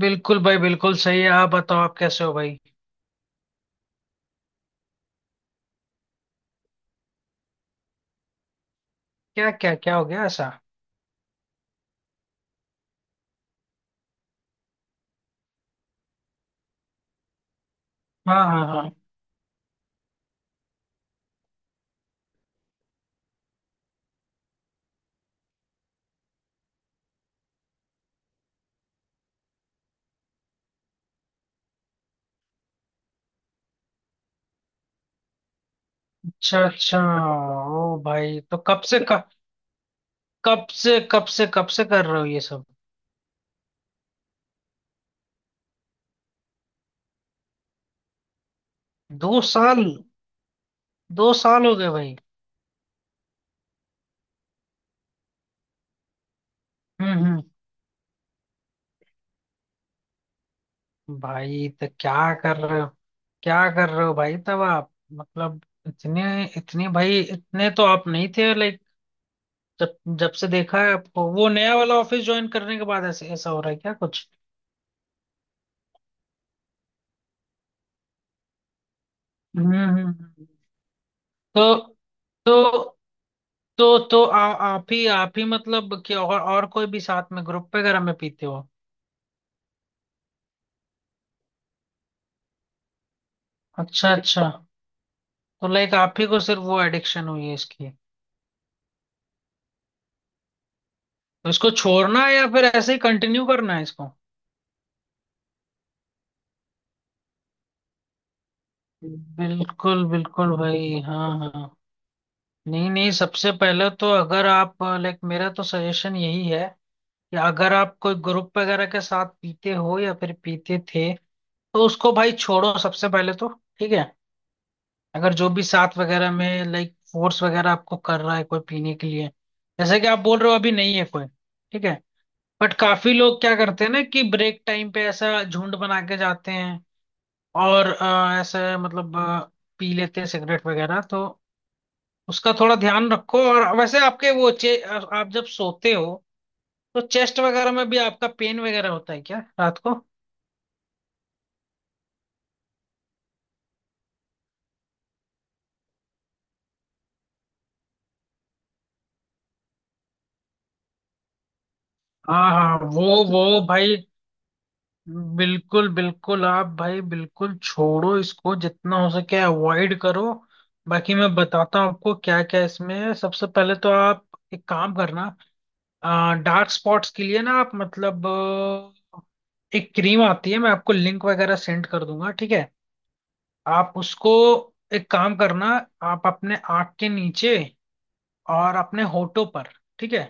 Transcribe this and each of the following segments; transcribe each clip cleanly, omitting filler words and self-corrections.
बिल्कुल भाई। बिल्कुल सही है। आप बताओ, आप कैसे हो भाई? क्या क्या क्या हो गया ऐसा? हाँ, हाँ, हाँ। अच्छा, अच्छा। ओ भाई, तो कब से कब से कब से कर रहे हो ये सब? 2 साल। 2 साल हो गए भाई? हम्म, हम्म। भाई, तो क्या कर रहे हो, क्या कर रहे हो भाई? तब आप मतलब इतने, इतने भाई, इतने तो आप नहीं थे। लाइक जब जब से देखा है आपको, वो नया वाला ऑफिस ज्वाइन करने के बाद ऐसे ऐसा हो रहा है क्या कुछ? हम्म, हम्म, तो तो तो आप ही मतलब कि, और कोई भी साथ में ग्रुप वगैरह में पीते हो? अच्छा, अच्छा। तो लाइक आप ही को सिर्फ वो एडिक्शन हुई है इसकी? तो इसको छोड़ना है या फिर ऐसे ही कंटिन्यू करना है इसको? बिल्कुल बिल्कुल भाई। हाँ, हाँ। नहीं, नहीं, सबसे पहले तो अगर आप लाइक, मेरा तो सजेशन यही है कि अगर आप कोई ग्रुप वगैरह के साथ पीते हो या फिर पीते थे, तो उसको भाई छोड़ो सबसे पहले तो। ठीक है? अगर जो भी साथ वगैरह में लाइक फोर्स वगैरह आपको कर रहा है कोई पीने के लिए, जैसे कि आप बोल रहे हो अभी नहीं है कोई, ठीक है। बट काफी लोग क्या करते हैं ना कि ब्रेक टाइम पे ऐसा झुंड बना के जाते हैं और ऐसे मतलब पी लेते हैं सिगरेट वगैरह। तो उसका थोड़ा ध्यान रखो। और वैसे आपके वो चे आप जब सोते हो तो चेस्ट वगैरह में भी आपका पेन वगैरह होता है क्या रात को? हाँ, हाँ, वो भाई बिल्कुल, बिल्कुल आप भाई बिल्कुल छोड़ो इसको जितना हो सके, अवॉइड करो। बाकी मैं बताता हूँ आपको क्या क्या इसमें है। सबसे पहले तो आप एक काम करना, डार्क स्पॉट्स के लिए ना आप मतलब एक क्रीम आती है, मैं आपको लिंक वगैरह सेंड कर दूंगा। ठीक है? आप उसको एक काम करना, आप अपने आँख के नीचे और अपने होठों पर, ठीक है,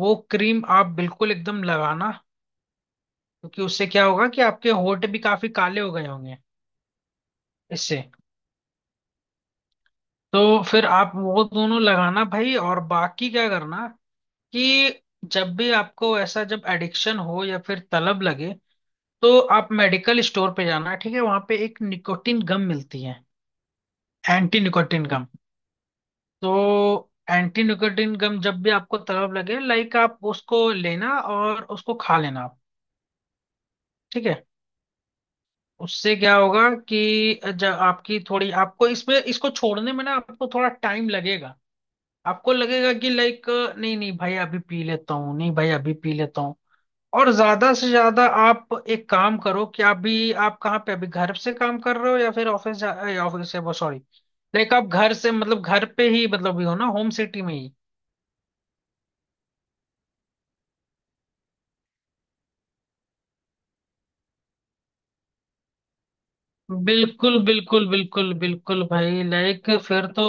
वो क्रीम आप बिल्कुल एकदम लगाना। क्योंकि उससे क्या होगा कि आपके होठ भी काफी काले हो गए होंगे इससे। तो फिर आप वो दोनों लगाना भाई। और बाकी क्या करना कि जब भी आपको ऐसा जब एडिक्शन हो या फिर तलब लगे, तो आप मेडिकल स्टोर पे जाना, ठीक है, वहां पे एक निकोटिन गम मिलती है, एंटी निकोटिन गम। तो एंटी निकोटिन गम जब भी आपको तलब लगे लाइक, आप उसको लेना और उसको खा लेना आप। ठीक है? उससे क्या होगा कि जब आपकी थोड़ी आपको इसमें इसको छोड़ने में ना आपको थोड़ा टाइम लगेगा। आपको लगेगा कि लाइक, नहीं नहीं भाई अभी पी लेता हूँ, नहीं भाई अभी पी लेता हूँ। और ज्यादा से ज्यादा आप एक काम करो कि अभी आप कहाँ पे, अभी घर से काम कर रहे हो या फिर ऑफिस से, वो सॉरी, लाइक आप घर से मतलब घर पे ही मतलब भी हो ना होम सिटी में ही? बिल्कुल, बिल्कुल, बिल्कुल, बिल्कुल भाई, लाइक फिर तो,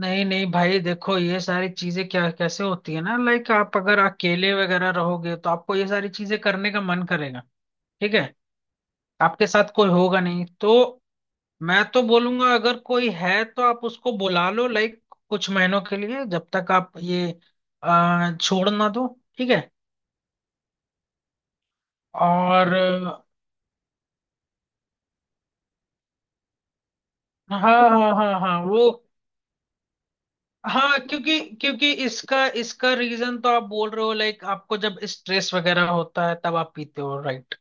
नहीं, नहीं भाई देखो, ये सारी चीजें क्या कैसे होती है ना, लाइक आप अगर अकेले वगैरह रहोगे तो आपको ये सारी चीजें करने का मन करेगा। ठीक है? आपके साथ कोई होगा नहीं तो मैं तो बोलूंगा अगर कोई है तो आप उसको बुला लो लाइक कुछ महीनों के लिए, जब तक आप ये छोड़ ना दो। ठीक है? और हाँ, हाँ, हाँ, हाँ, वो, हाँ, क्योंकि क्योंकि इसका इसका रीजन तो आप बोल रहे हो लाइक आपको जब स्ट्रेस वगैरह होता है तब आप पीते हो, राइट?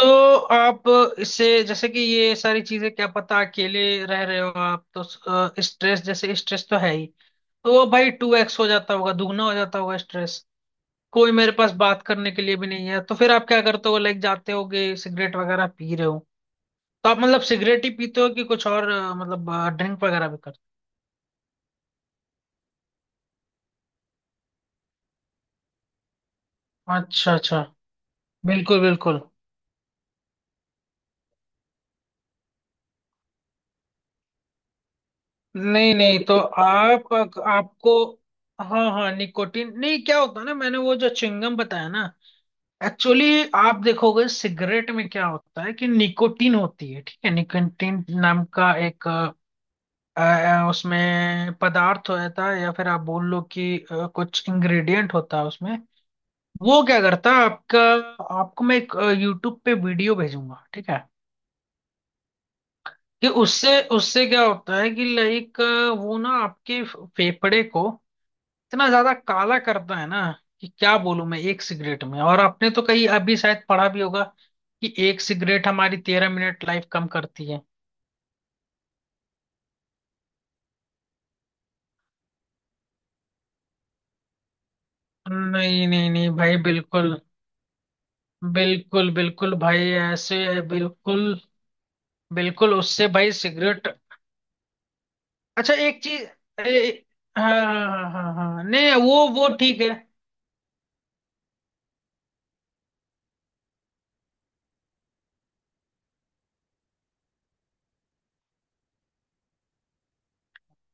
तो आप इससे, जैसे कि ये सारी चीजें क्या पता अकेले रह रहे हो आप, तो स्ट्रेस, जैसे स्ट्रेस तो है ही, तो वो भाई 2x हो जाता होगा, दुगना हो जाता होगा स्ट्रेस। कोई मेरे पास बात करने के लिए भी नहीं है, तो फिर आप क्या करते हो, लाइक जाते होगे सिगरेट वगैरह पी रहे हो। तो आप मतलब सिगरेट ही पीते हो कि कुछ और मतलब ड्रिंक वगैरह भी करते हो? अच्छा, अच्छा। बिल्कुल, बिल्कुल। नहीं, नहीं तो, आप आपको, हाँ, हाँ, निकोटीन नहीं, क्या होता है ना, मैंने वो जो चिंगम बताया ना, एक्चुअली आप देखोगे सिगरेट में क्या होता है कि निकोटीन होती है, ठीक है, निकोटीन नाम का एक उसमें पदार्थ होता है, या फिर आप बोल लो कि कुछ इंग्रेडिएंट होता है उसमें। वो क्या करता है आपका, आपको मैं एक यूट्यूब पे वीडियो भेजूंगा, ठीक है, कि उससे उससे क्या होता है कि लाइक वो ना आपके फेफड़े को इतना ज्यादा काला करता है ना, कि क्या बोलूं मैं एक सिगरेट में, और आपने तो कहीं अभी शायद पढ़ा भी होगा कि एक सिगरेट हमारी 13 मिनट लाइफ कम करती है। नहीं, नहीं, नहीं भाई, बिल्कुल, बिल्कुल, बिल्कुल भाई ऐसे है, बिल्कुल। बिल्कुल उससे भाई सिगरेट, अच्छा एक चीज ए, हाँ, हाँ, हाँ, हाँ, हाँ, नहीं वो, ठीक है।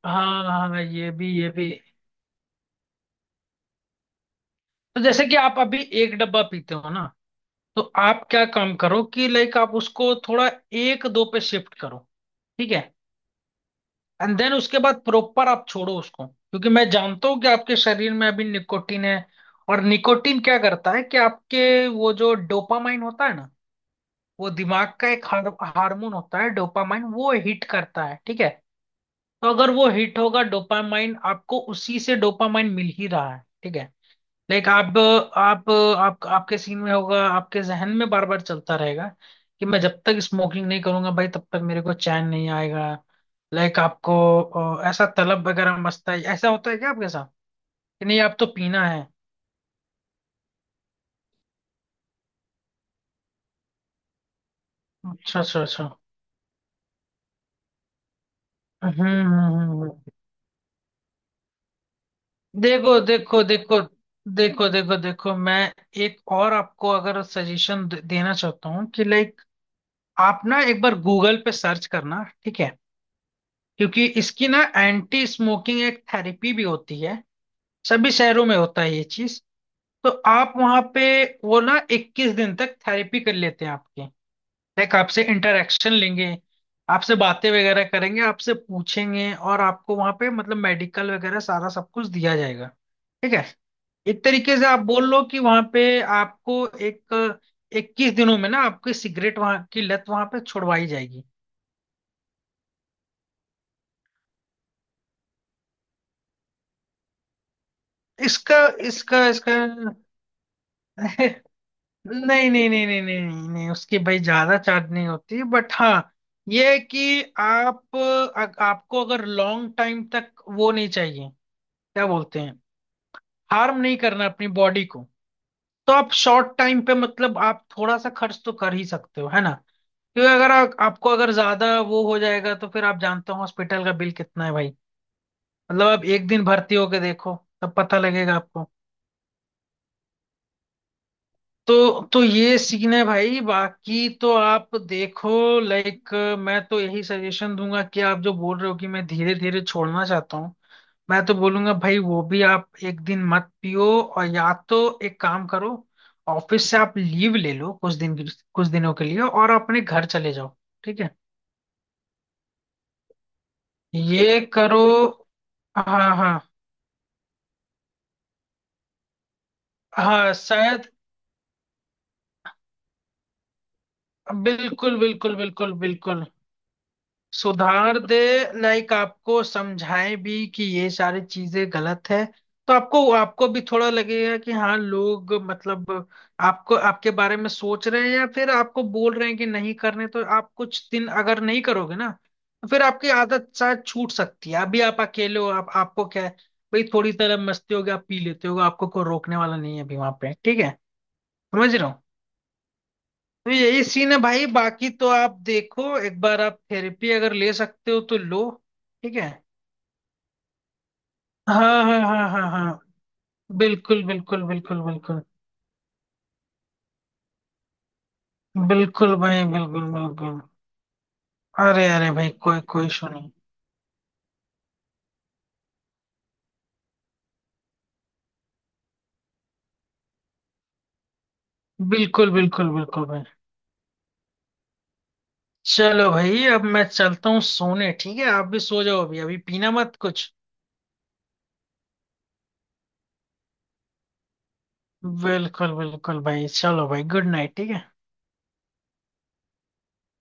हाँ, हाँ, हाँ, ये भी, ये भी। तो जैसे कि आप अभी एक डब्बा पीते हो ना, तो आप क्या काम करो कि लाइक आप उसको थोड़ा एक दो पे शिफ्ट करो, ठीक है, एंड देन उसके बाद प्रॉपर आप छोड़ो उसको। क्योंकि मैं जानता हूँ कि आपके शरीर में अभी निकोटीन है। और निकोटीन क्या करता है कि आपके वो जो डोपामाइन होता है ना, वो दिमाग का एक हार्मोन होता है, डोपामाइन। वो हिट करता है, ठीक है, तो अगर वो हिट होगा डोपामाइन, आपको उसी से डोपामाइन मिल ही रहा है, ठीक है, लाइक आप आपके सीन में होगा, आपके जहन में बार बार चलता रहेगा कि मैं जब तक स्मोकिंग नहीं करूंगा भाई तब तक मेरे को चैन नहीं आएगा, लाइक आपको ऐसा तलब वगैरह मस्ता है, ऐसा होता है क्या आपके साथ कि नहीं आप तो पीना है? अच्छा, अच्छा, अच्छा। हम्म, हम्म, देखो, देखो, देखो, देखो, देखो, देखो, मैं एक और आपको अगर सजेशन देना चाहता हूँ कि लाइक आप ना एक बार गूगल पे सर्च करना, ठीक है, क्योंकि इसकी ना एंटी स्मोकिंग एक थेरेपी भी होती है, सभी शहरों में होता है ये चीज। तो आप वहाँ पे वो ना 21 दिन तक थेरेपी कर लेते हैं आपकी, लाइक आपसे इंटरेक्शन लेंगे, आपसे बातें वगैरह करेंगे, आपसे पूछेंगे, और आपको वहाँ पे मतलब मेडिकल वगैरह सारा सब कुछ दिया जाएगा। ठीक है? एक तरीके से आप बोल लो कि वहां पे आपको एक 21 दिनों में ना आपकी सिगरेट, वहां की लत वहां पे छुड़वाई जाएगी। इसका इसका इसका नहीं, नहीं, नहीं, नहीं, नहीं, नहीं, नहीं, उसकी भाई ज्यादा चार्ज नहीं होती, बट हाँ, ये है कि आप आपको अगर लॉन्ग टाइम तक वो नहीं चाहिए, क्या बोलते हैं, हार्म नहीं करना अपनी बॉडी को, तो आप शॉर्ट टाइम पे मतलब आप थोड़ा सा खर्च तो कर ही सकते हो, है ना? क्योंकि अगर आपको अगर ज्यादा वो हो जाएगा, तो फिर आप जानते हो हॉस्पिटल का बिल कितना है भाई, मतलब आप एक दिन भर्ती होके देखो, तब पता लगेगा आपको। तो ये सीन है भाई, बाकी तो आप देखो लाइक, मैं तो यही सजेशन दूंगा कि आप जो बोल रहे हो कि मैं धीरे धीरे छोड़ना चाहता हूँ, मैं तो बोलूंगा भाई वो भी आप एक दिन मत पियो, और या तो एक काम करो, ऑफिस से आप लीव ले लो कुछ दिन, कुछ दिनों के लिए, और अपने घर चले जाओ। ठीक है, ये करो। हाँ, हाँ, हाँ, शायद, बिल्कुल, बिल्कुल, बिल्कुल, बिल्कुल सुधार दे, लाइक आपको समझाएं भी कि ये सारी चीजें गलत है, तो आपको आपको भी थोड़ा लगेगा कि हाँ लोग मतलब आपको आपके बारे में सोच रहे हैं, या फिर आपको बोल रहे हैं कि नहीं करने, तो आप कुछ दिन अगर नहीं करोगे ना, तो फिर आपकी आदत शायद छूट सकती है। अभी आप अकेले हो, आप आपको क्या है भाई, थोड़ी तरह मस्ती होगी, आप पी लेते हो, आपको कोई रोकने वाला नहीं है अभी वहां पे। ठीक है? समझ रहे हो? तो यही सीन है भाई, बाकी तो आप देखो एक बार आप थेरेपी अगर ले सकते हो तो लो। ठीक है? हाँ, हाँ, हाँ, हाँ, हाँ, बिल्कुल, बिल्कुल, बिल्कुल, बिल्कुल, बिल्कुल भाई, बिल्कुल, बिल्कुल। अरे, अरे भाई, कोई कोई इशू नहीं। बिल्कुल, बिल्कुल, बिल्कुल भाई। चलो भाई, अब मैं चलता हूँ सोने, ठीक है, आप भी सो जाओ, अभी अभी पीना मत कुछ। बिल्कुल, बिल्कुल भाई, चलो भाई, गुड नाइट, ठीक है।